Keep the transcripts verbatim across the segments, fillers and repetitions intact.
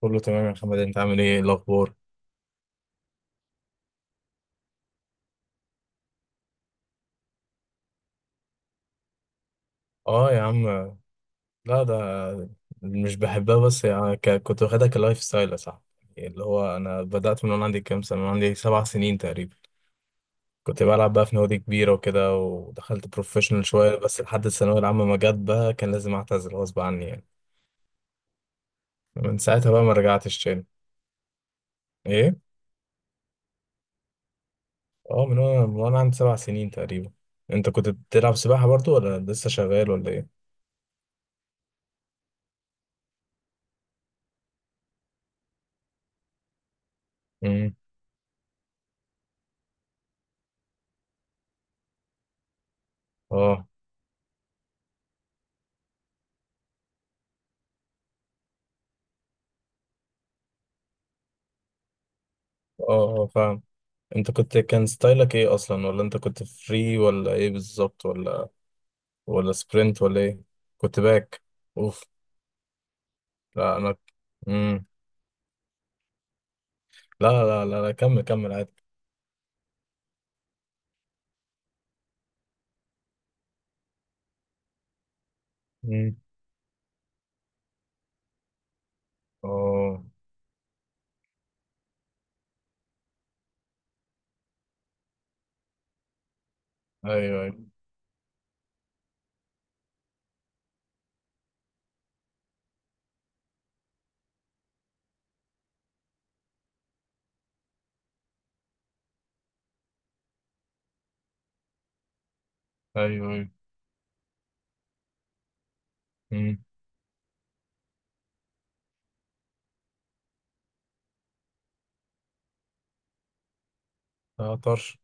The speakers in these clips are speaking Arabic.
كله تمام يا محمد، انت عامل ايه؟ إيه الاخبار؟ اه يا عم. لا ده مش بحبها، بس يعني ك- كنت واخدها كلايف ستايل يا صاحبي. يعني اللي هو انا بدأت من وانا عندي كام سنة، من عندي سبع سنين تقريبا. كنت بلعب بقى في نوادي كبيرة وكده، ودخلت بروفيشنال شوية، بس لحد الثانوية العامة ما جت بقى كان لازم اعتزل غصب عني يعني. من ساعتها بقى ما رجعتش تاني. ايه؟ اه، من وانا من وانا عندي سبع سنين تقريبا. انت كنت بتلعب سباحة برضو ولا لسه شغال ولا ايه؟ امم. اه اه اه فاهم. انت كنت، كان ستايلك ايه اصلا؟ ولا انت كنت فري ولا ايه بالظبط؟ ولا ولا سبرنت ولا ايه؟ كنت باك. اوف. لا انا. امم. لا لا لا لا كمل كمل عادي. امم. اه. ايوه ايوه ايوه ايوه. امم. اه طرش.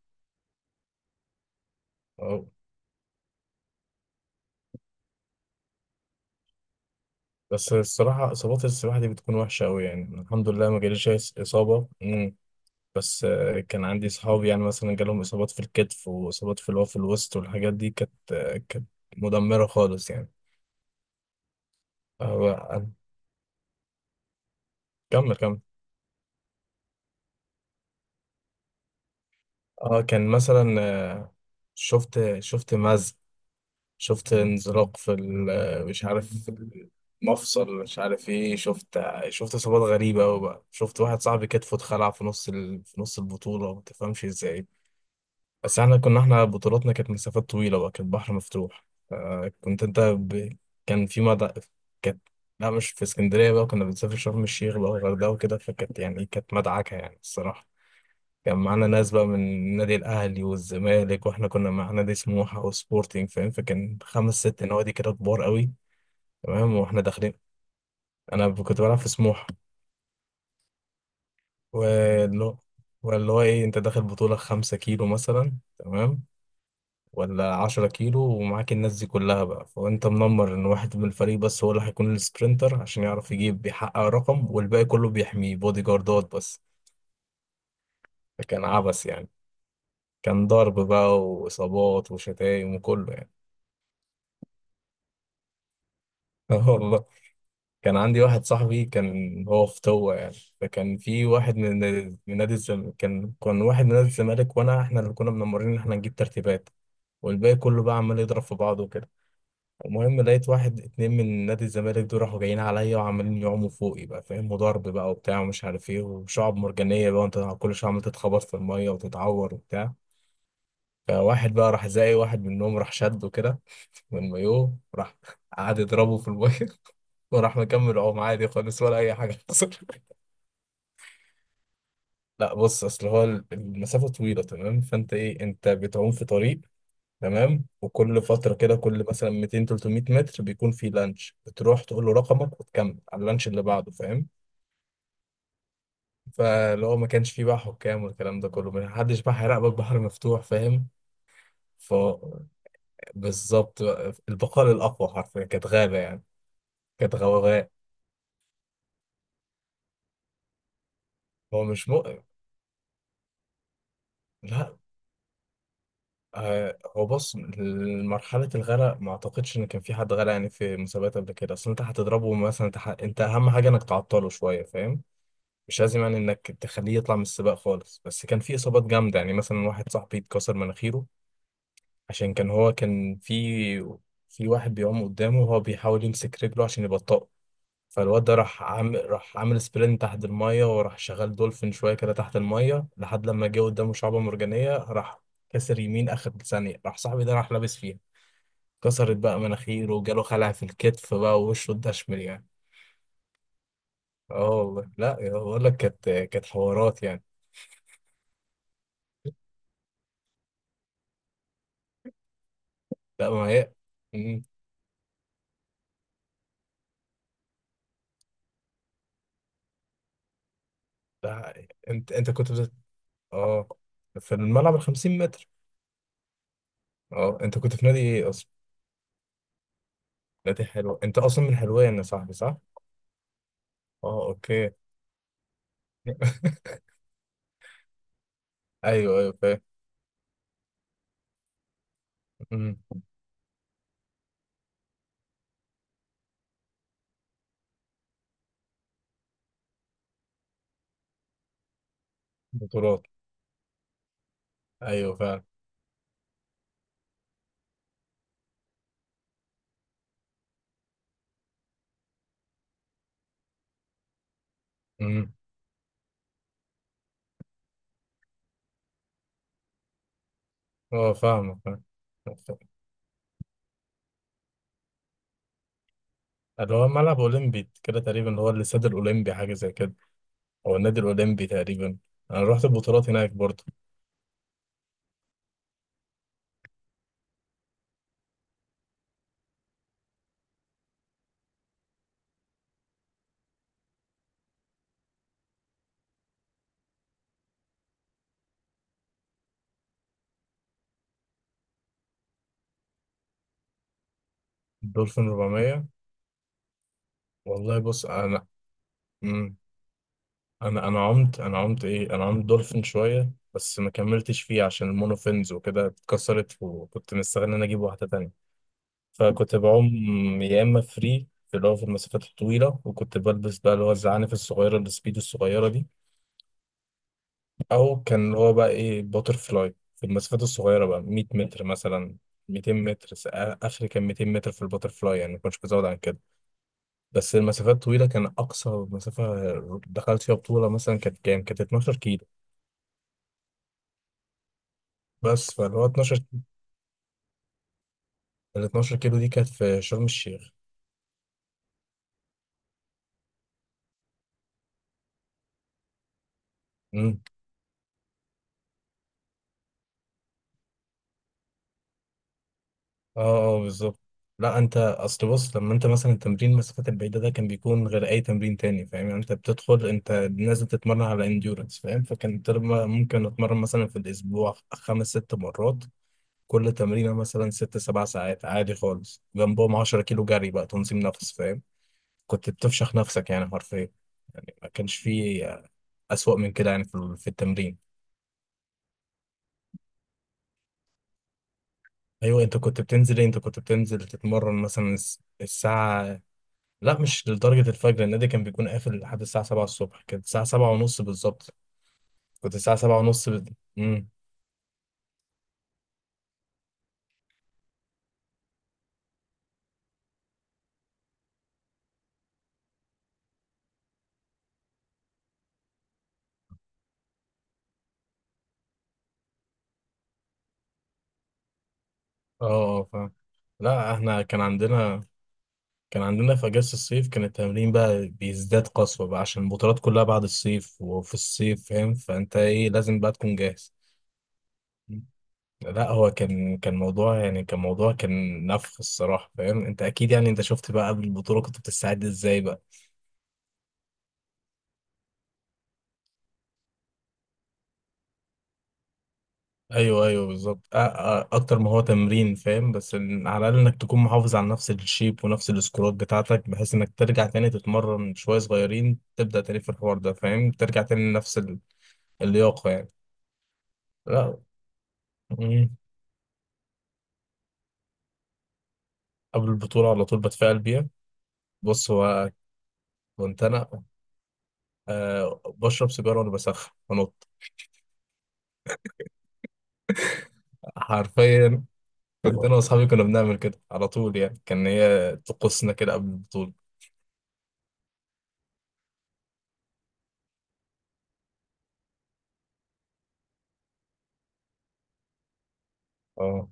اه، بس الصراحه اصابات السباحه دي بتكون وحشه قوي يعني، الحمد لله ما جاليش أي اصابه. امم. بس آه، كان عندي صحابي يعني مثلا جالهم اصابات في الكتف واصابات في اللي هو في الوسط، والحاجات دي كانت، آه، كانت مدمره خالص يعني. هو. كمل كمل. اه كان مثلا، آه، شفت شفت مزق، شفت انزلاق في ال- آه، مش عارف في المفصل، مش عارف ايه، شفت، آه، شفت اصابات غريبه قوي بقى. شفت واحد صاحبي كتفه اتخلع في نص ال... في نص البطوله، ما تفهمش ازاي. بس احنا كنا، احنا بطولاتنا كانت مسافات طويله بقى، كانت بحر مفتوح. آه، كنت انت ب... كان في مدى، كانت. لا مش في اسكندريه بقى، كنا بنسافر شرم الشيخ بقى والغردقه وكده، فكانت يعني كانت مدعكه يعني الصراحه. كان معانا ناس بقى من النادي الأهلي والزمالك، وإحنا كنا مع نادي سموحة وسبورتنج، فاهم؟ فكان خمس ست نوادي كده كبار قوي. تمام، وإحنا داخلين، أنا ب- كنت بلعب في سموحة. واللي هو، واللي هو إيه، أنت داخل بطولة خمسة كيلو مثلا، تمام، ولا عشرة كيلو، ومعاك الناس دي كلها بقى، فأنت منمر إن واحد من الفريق بس هو اللي هيكون السبرينتر عشان يعرف يجيب، بيحقق رقم، والباقي كله بيحميه بودي جاردات بس. فكان عبث يعني، كان ضرب بقى وإصابات وشتايم وكله يعني. والله. كان عندي واحد صاحبي كان هو في طوة يعني. فكان في واحد من، من نادي الزمالك، كان كان واحد من نادي الزمالك، وانا احنا اللي كنا منمرين ان احنا نجيب ترتيبات، والباقي كله بقى عمال يضرب في بعضه وكده. المهم لقيت واحد اتنين من نادي الزمالك دول راحوا جايين عليا وعمالين يعوموا فوقي بقى، فاهم؟ وضرب بقى وبتاع ومش عارف ايه، وشعب مرجانية بقى، وانت كل شوية عمال تتخبط في المية وتتعور وبتاع. فواحد بقى راح، زي واحد منهم راح شده كده من المايوه، راح قعد يضربه في المية، وراح مكمل عوم عادي خالص ولا اي حاجه حصل. لا بص، اصل هو ال- المسافه طويله، تمام، فانت ايه، انت بتعوم في طريق، تمام، وكل فتره كده، كل مثلا مئتين ثلاثمية متر بيكون في لانش، بتروح تقول له رقمك وتكمل على اللانش اللي بعده، فاهم؟ فلو ما كانش فيه بقى حكام والكلام ده كله، ما حدش بقى هيراقبك، بحر مفتوح، فاهم؟ ف بالظبط بقى، البقاء الاقوى حرفيا، كانت غابه يعني، كانت غوغاء. هو مش مؤ لا، آه، هو بص، مرحلة الغرق ما اعتقدش ان كان في حد غرق يعني في مسابقات قبل كده. اصل انت هتضربه مثلا، انت, ح... انت اهم حاجة انك تعطله شوية، فاهم؟ مش لازم يعني انك تخليه يطلع من السباق خالص، بس كان في اصابات جامدة يعني، مثلا واحد صاحبي اتكسر مناخيره، عشان كان هو كان في، في واحد بيعوم قدامه وهو بيحاول يمسك رجله عشان يبطئه، فالواد ده راح عامل راح عامل سبرنت تحت المية، وراح شغال دولفين شوية كده تحت المية، لحد لما جه قدامه شعبة مرجانية، راح كسر يمين آخر ثانية، راح صاحبي ده راح لابس فيها. كسرت بقى مناخيره وجاله خلع في الكتف بقى ووشه اتدشمل يعني. اه والله، لا يا- بقول لك كانت كانت حوارات يعني. لا ما هي. مم. لا انت، انت كنت بت... اه في الملعب ال خمسين متر. اه انت كنت في نادي ايه اصلا؟ نادي حلو، انت اصلا من حلوان يا صاحبي صح؟ اه اوكي. ايوه ايوه فاهم. امم. بطولات. ايوه فعلا. امم. اه فاهمك فاهم. اللي هو ملعب اولمبي كده تقريبا، هو الاستاد الاولمبي حاجه زي كده، او النادي الاولمبي تقريبا. انا رحت البطولات هناك برضه. الدولفين اربعمية. والله بص انا. امم. انا انا عمت، انا عمت ايه انا عمت دولفين شويه بس ما كملتش فيه عشان المونوفينز وكده اتكسرت، وكنت مستني ان انا اجيب واحده تانية. فكنت بعوم يا اما فري في اللي هو في المسافات الطويله، وكنت بلبس بقى اللي هو الزعانف الصغيره، السبيدو الصغيره دي، او كان اللي هو بقى ايه باتر فلاي في المسافات الصغيره بقى، مية متر مثلا، مئتين متر، س- اخر كان مئتين متر في الباتر فلاي، يعني ما كنتش بزود عن كده. بس المسافات الطويله كان اقصى مسافه دخلت فيها بطوله مثلا كانت كام، كانت اتناشر كيلو. بس فاللي هو اتناشر، ال اتناشر كيلو دي كانت في شرم الشيخ. إمم. اه اه بالظبط. لا انت اصل بص، لما انت مثلا تمرين المسافات البعيده ده كان بيكون غير اي تمرين تاني، فاهم؟ يعني انت بتدخل، انت نازل تتمرن على انديورنس، فاهم؟ فكان ترم- ممكن اتمرن مثلا في الاسبوع خمس ست مرات، كل تمرينه مثلا ست سبع ساعات عادي خالص، جنبهم عشرة كيلو جري بقى، تنظيم نفس، فاهم؟ كنت بتفشخ نفسك يعني حرفيا. يعني ما كانش فيه أسوأ من كده يعني في في التمرين. أيوة، أنت كنت بتنزل إيه؟ أنت كنت بتنزل تتمرن مثلا الس- الساعة؟ لا مش لدرجة الفجر، النادي كان بيكون قافل لحد الساعة سبعة الصبح، كانت الساعة سبعة ونص بالظبط. كنت الساعة سبعة ونص بال... مم. اه اه فاهم. لا احنا كان عندنا، كان عندنا في أجازة الصيف كان التمرين بقى بيزداد قسوة بقى، عشان البطولات كلها بعد الصيف وفي الصيف، فاهم؟ فأنت ايه، لازم بقى تكون جاهز. مم. لا هو كان، كان موضوع يعني، كان موضوع كان نفخ الصراحة، فاهم؟ انت اكيد يعني انت شفت بقى قبل البطولة كنت بتستعد ازاي بقى. ايوه ايوه بالظبط، أ- أ- اكتر ما هو تمرين، فاهم؟ بس إن على الاقل انك تكون محافظ على نفس الشيب ونفس السكورات بتاعتك، بحيث انك ترجع تاني تتمرن شويه صغيرين تبدا تاني في الحوار ده، فاهم؟ ترجع تاني لنفس ال- اللياقه يعني. لا. مم. قبل البطوله على طول بتفائل بيها. بص هو، كنت انا، أه بشرب سيجاره وانا بسخن بنط. حرفيا، كنت انا واصحابي كنا بنعمل كده على طول يعني، كان هي طقوسنا كده قبل البطوله. اه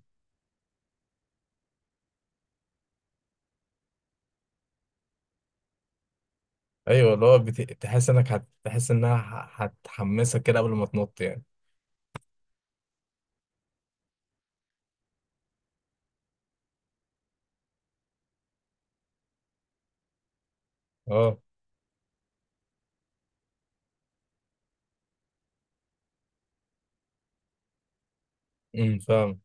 ايوه، اللي هو بت... تحس انك هت... تحس انها ه- هتحمسك كده قبل ما تنط يعني. اه. امم فاهم.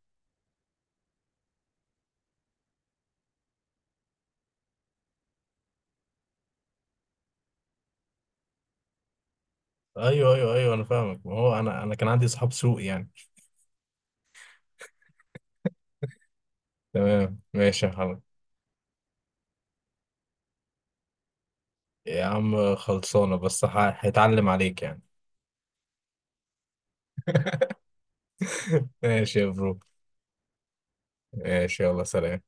ايوه ايوه ايوه انا فاهمك، ما هو انا انا كان عندي صحاب سوء يعني. تمام ماشي يا حبيبي. يا عم خلصانه، بس ه... هيتعلم عليك يعني. ماشي يا برو. ماشي يلا سلام.